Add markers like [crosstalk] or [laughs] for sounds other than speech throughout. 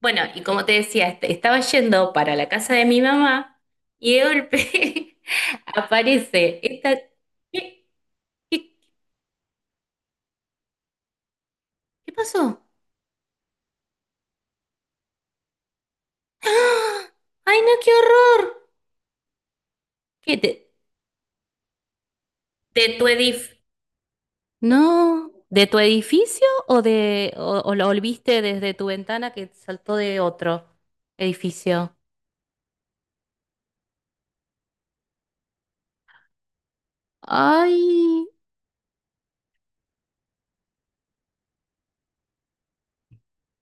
Bueno, y como te decía, estaba yendo para la casa de mi mamá y de golpe [laughs] aparece esta... ¿Qué, qué- qué pasó? ¡Ah! ¡Ay, no, qué horror! ¿Qué, de tu edif... No, ¿de tu edificio o o lo viste desde tu ventana que saltó de otro edificio? Ay,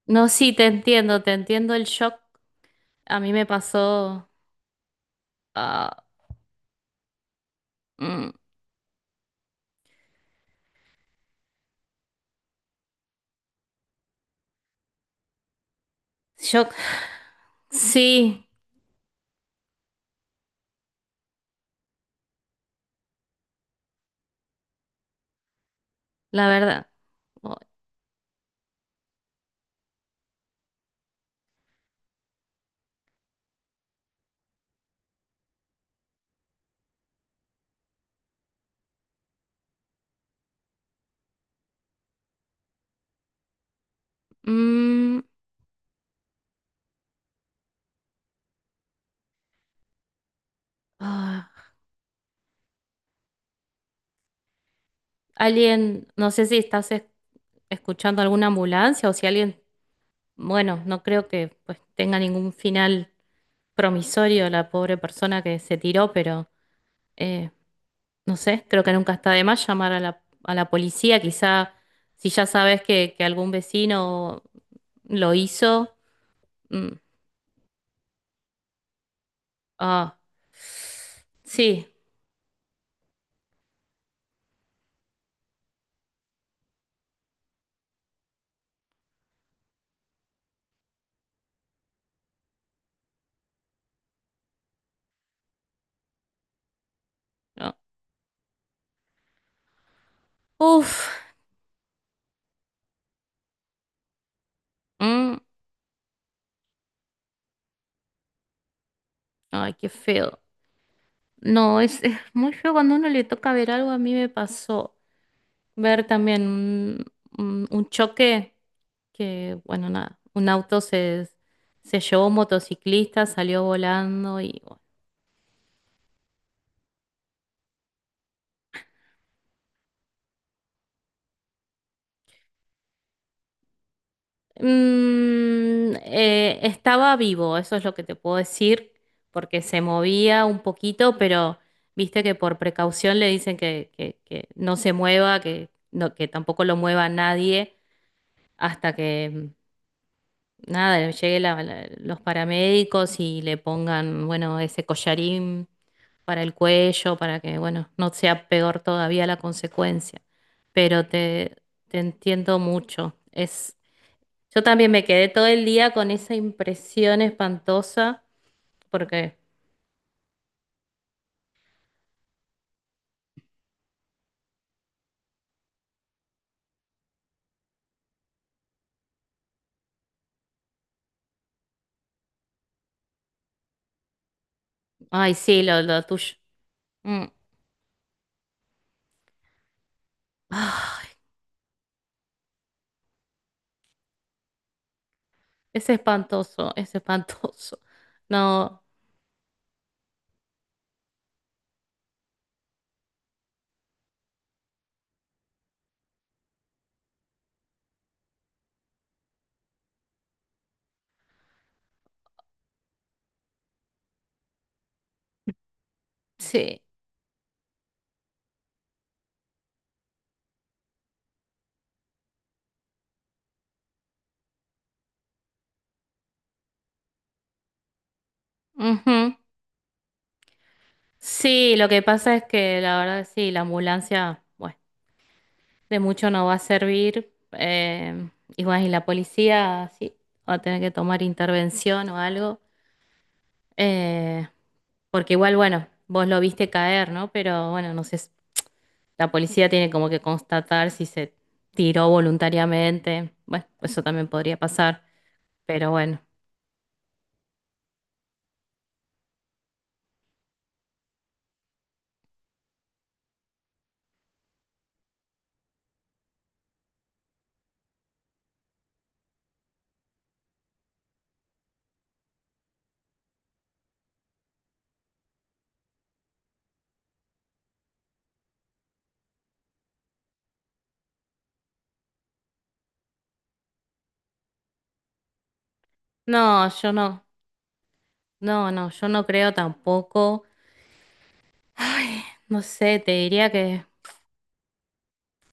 no, sí, te entiendo el shock. A mí me pasó... ah, mm, shock. Sí. La verdad. o- mm, ah, alguien, no sé si estás escuchando alguna ambulancia o si alguien, bueno, no creo que pues tenga ningún final promisorio la pobre persona que se tiró, pero eh, no sé, creo que nunca está de más llamar a a la policía. Quizá si ya sabes que algún vecino lo hizo. mm, ah, sí. No. Uf. mm, ay, qué feo. No, es muy feo cuando a uno le toca ver algo. A mí me pasó ver también un, un choque que, bueno, nada, un auto se llevó un motociclista, salió volando y... bueno. Estaba vivo, eso es lo que te puedo decir, porque se movía un poquito, pero viste que por precaución le dicen que, que no se mueva, que, no, que tampoco lo mueva nadie hasta que... nada, llegue los paramédicos y le pongan, bueno, ese collarín para el cuello, para que, bueno, no sea peor todavía la consecuencia. Pero te entiendo mucho. Es, yo también me quedé todo el día con esa impresión espantosa, porque, ay, sí, lo tuyo. Mm. Ay, es espantoso, es espantoso. No, sí. Ujú. Sí, lo que pasa es que la verdad sí, la ambulancia, bueno. De mucho no va a servir. Y bueno, y la policía sí va a tener que tomar intervención o algo. eh, porque igual, bueno, vos lo viste caer, ¿no? Pero bueno, no sé, la policía tiene como que constatar si se tiró voluntariamente. Bueno, eso también podría pasar. Pero bueno, no, yo no, no, no, yo no creo tampoco. No sé, te diría que...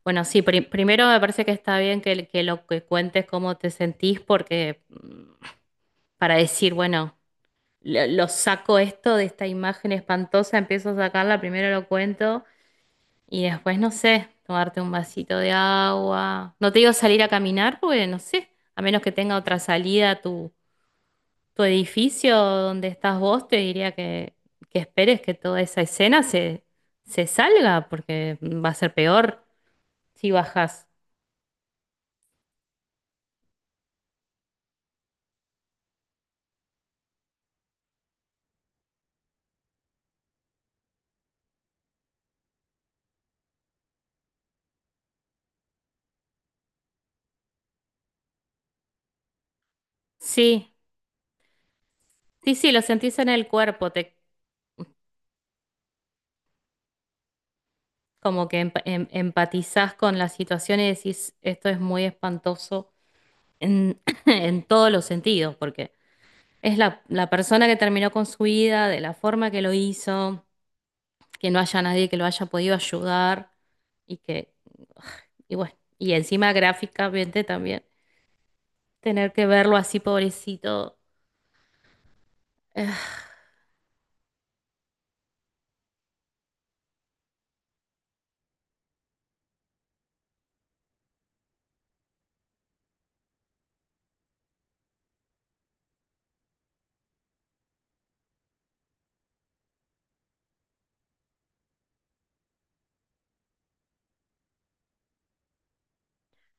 Bueno, sí, primero me parece que está bien que lo que cuentes cómo te sentís, porque para decir, bueno, lo saco esto de esta imagen espantosa, empiezo a sacarla, primero lo cuento y después, no sé, tomarte un vasito de agua. No te digo salir a caminar, porque no sé, a menos que tenga otra salida a tu, tu edificio donde estás vos, te diría que esperes que toda esa escena se, se salga, porque va a ser peor si bajas. Sí. Sí, sí, lo sentís en el cuerpo, te como que empatizás con la situación y decís, esto es muy espantoso en, [clears throat] en todos los sentidos, porque es la, la persona que terminó con su vida, de la forma que lo hizo, que no haya nadie que lo haya podido ayudar y que, y bueno, y encima gráficamente también, tener que verlo así pobrecito, eh,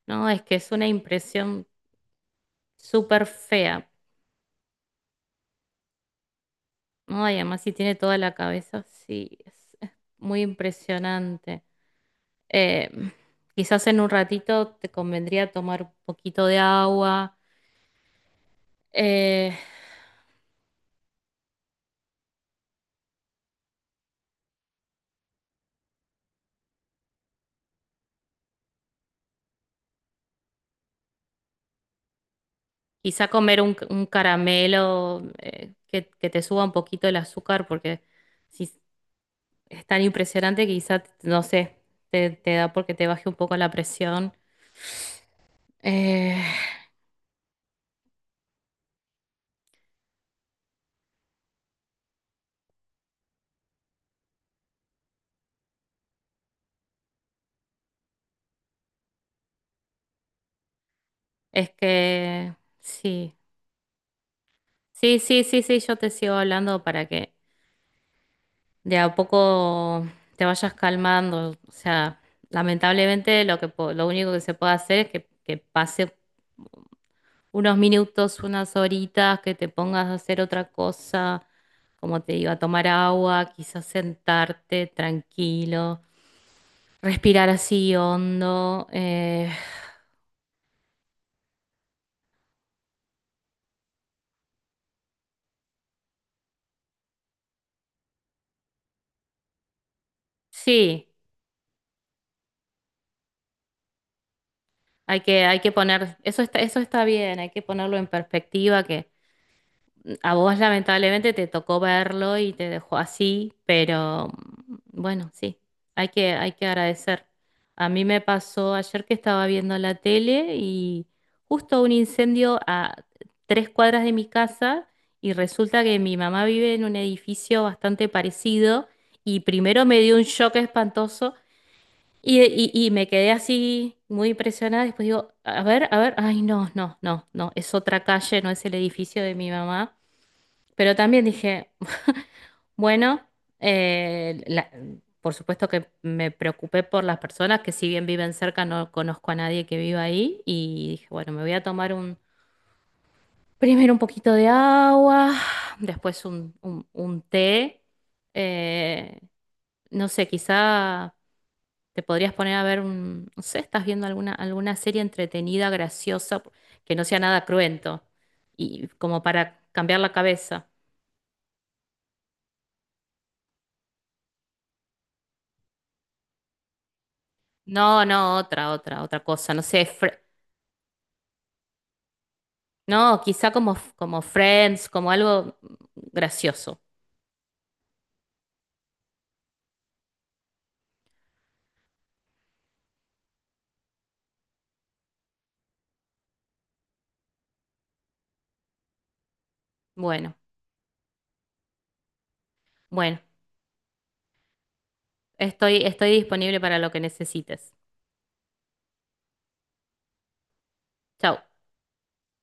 no, es que es una impresión súper fea. Ay, además si tiene toda la cabeza, sí, es muy impresionante. Eh, quizás en un ratito te convendría tomar un poquito de agua, eh, quizá comer un caramelo que te suba un poquito el azúcar, porque si es tan impresionante, quizá, no sé, te da porque te baje un poco la presión. Eh, es que sí, sí, sí, sí, sí, yo te sigo hablando para que de a poco te vayas calmando. O sea, lamentablemente lo que lo único que se puede hacer es que pase unos minutos, unas horitas, que te pongas a hacer otra cosa, como te digo, a tomar agua, quizás sentarte tranquilo, respirar así hondo. Sí, hay que poner, eso está bien, hay que ponerlo en perspectiva que a vos lamentablemente te tocó verlo y te dejó así, pero mm, bueno, sí, hay que agradecer. A mí me pasó ayer que estaba viendo la tele y justo un incendio a tres cuadras de mi casa y resulta que mi mamá vive en un edificio bastante parecido y primero me dio un shock espantoso y me quedé así muy impresionada. Después digo, a ver, ay no, no, no, no, es otra calle, no es el edificio de mi mamá. Pero también dije, bueno, eh, la- por supuesto que me preocupé por las personas que si bien viven cerca, no conozco a nadie que viva ahí. Y dije, bueno, me voy a tomar un, primero un poquito de agua, después un, un té. eh, no sé, quizá te podrías poner a ver un, no sé, estás viendo alguna, alguna serie entretenida, graciosa, que no sea nada cruento, y como para cambiar la cabeza. No, no, otra, otra, otra cosa. No sé, no, quizá como, como Friends, como algo gracioso. Bueno, bueno, estoy, estoy disponible para lo que necesites. Chau.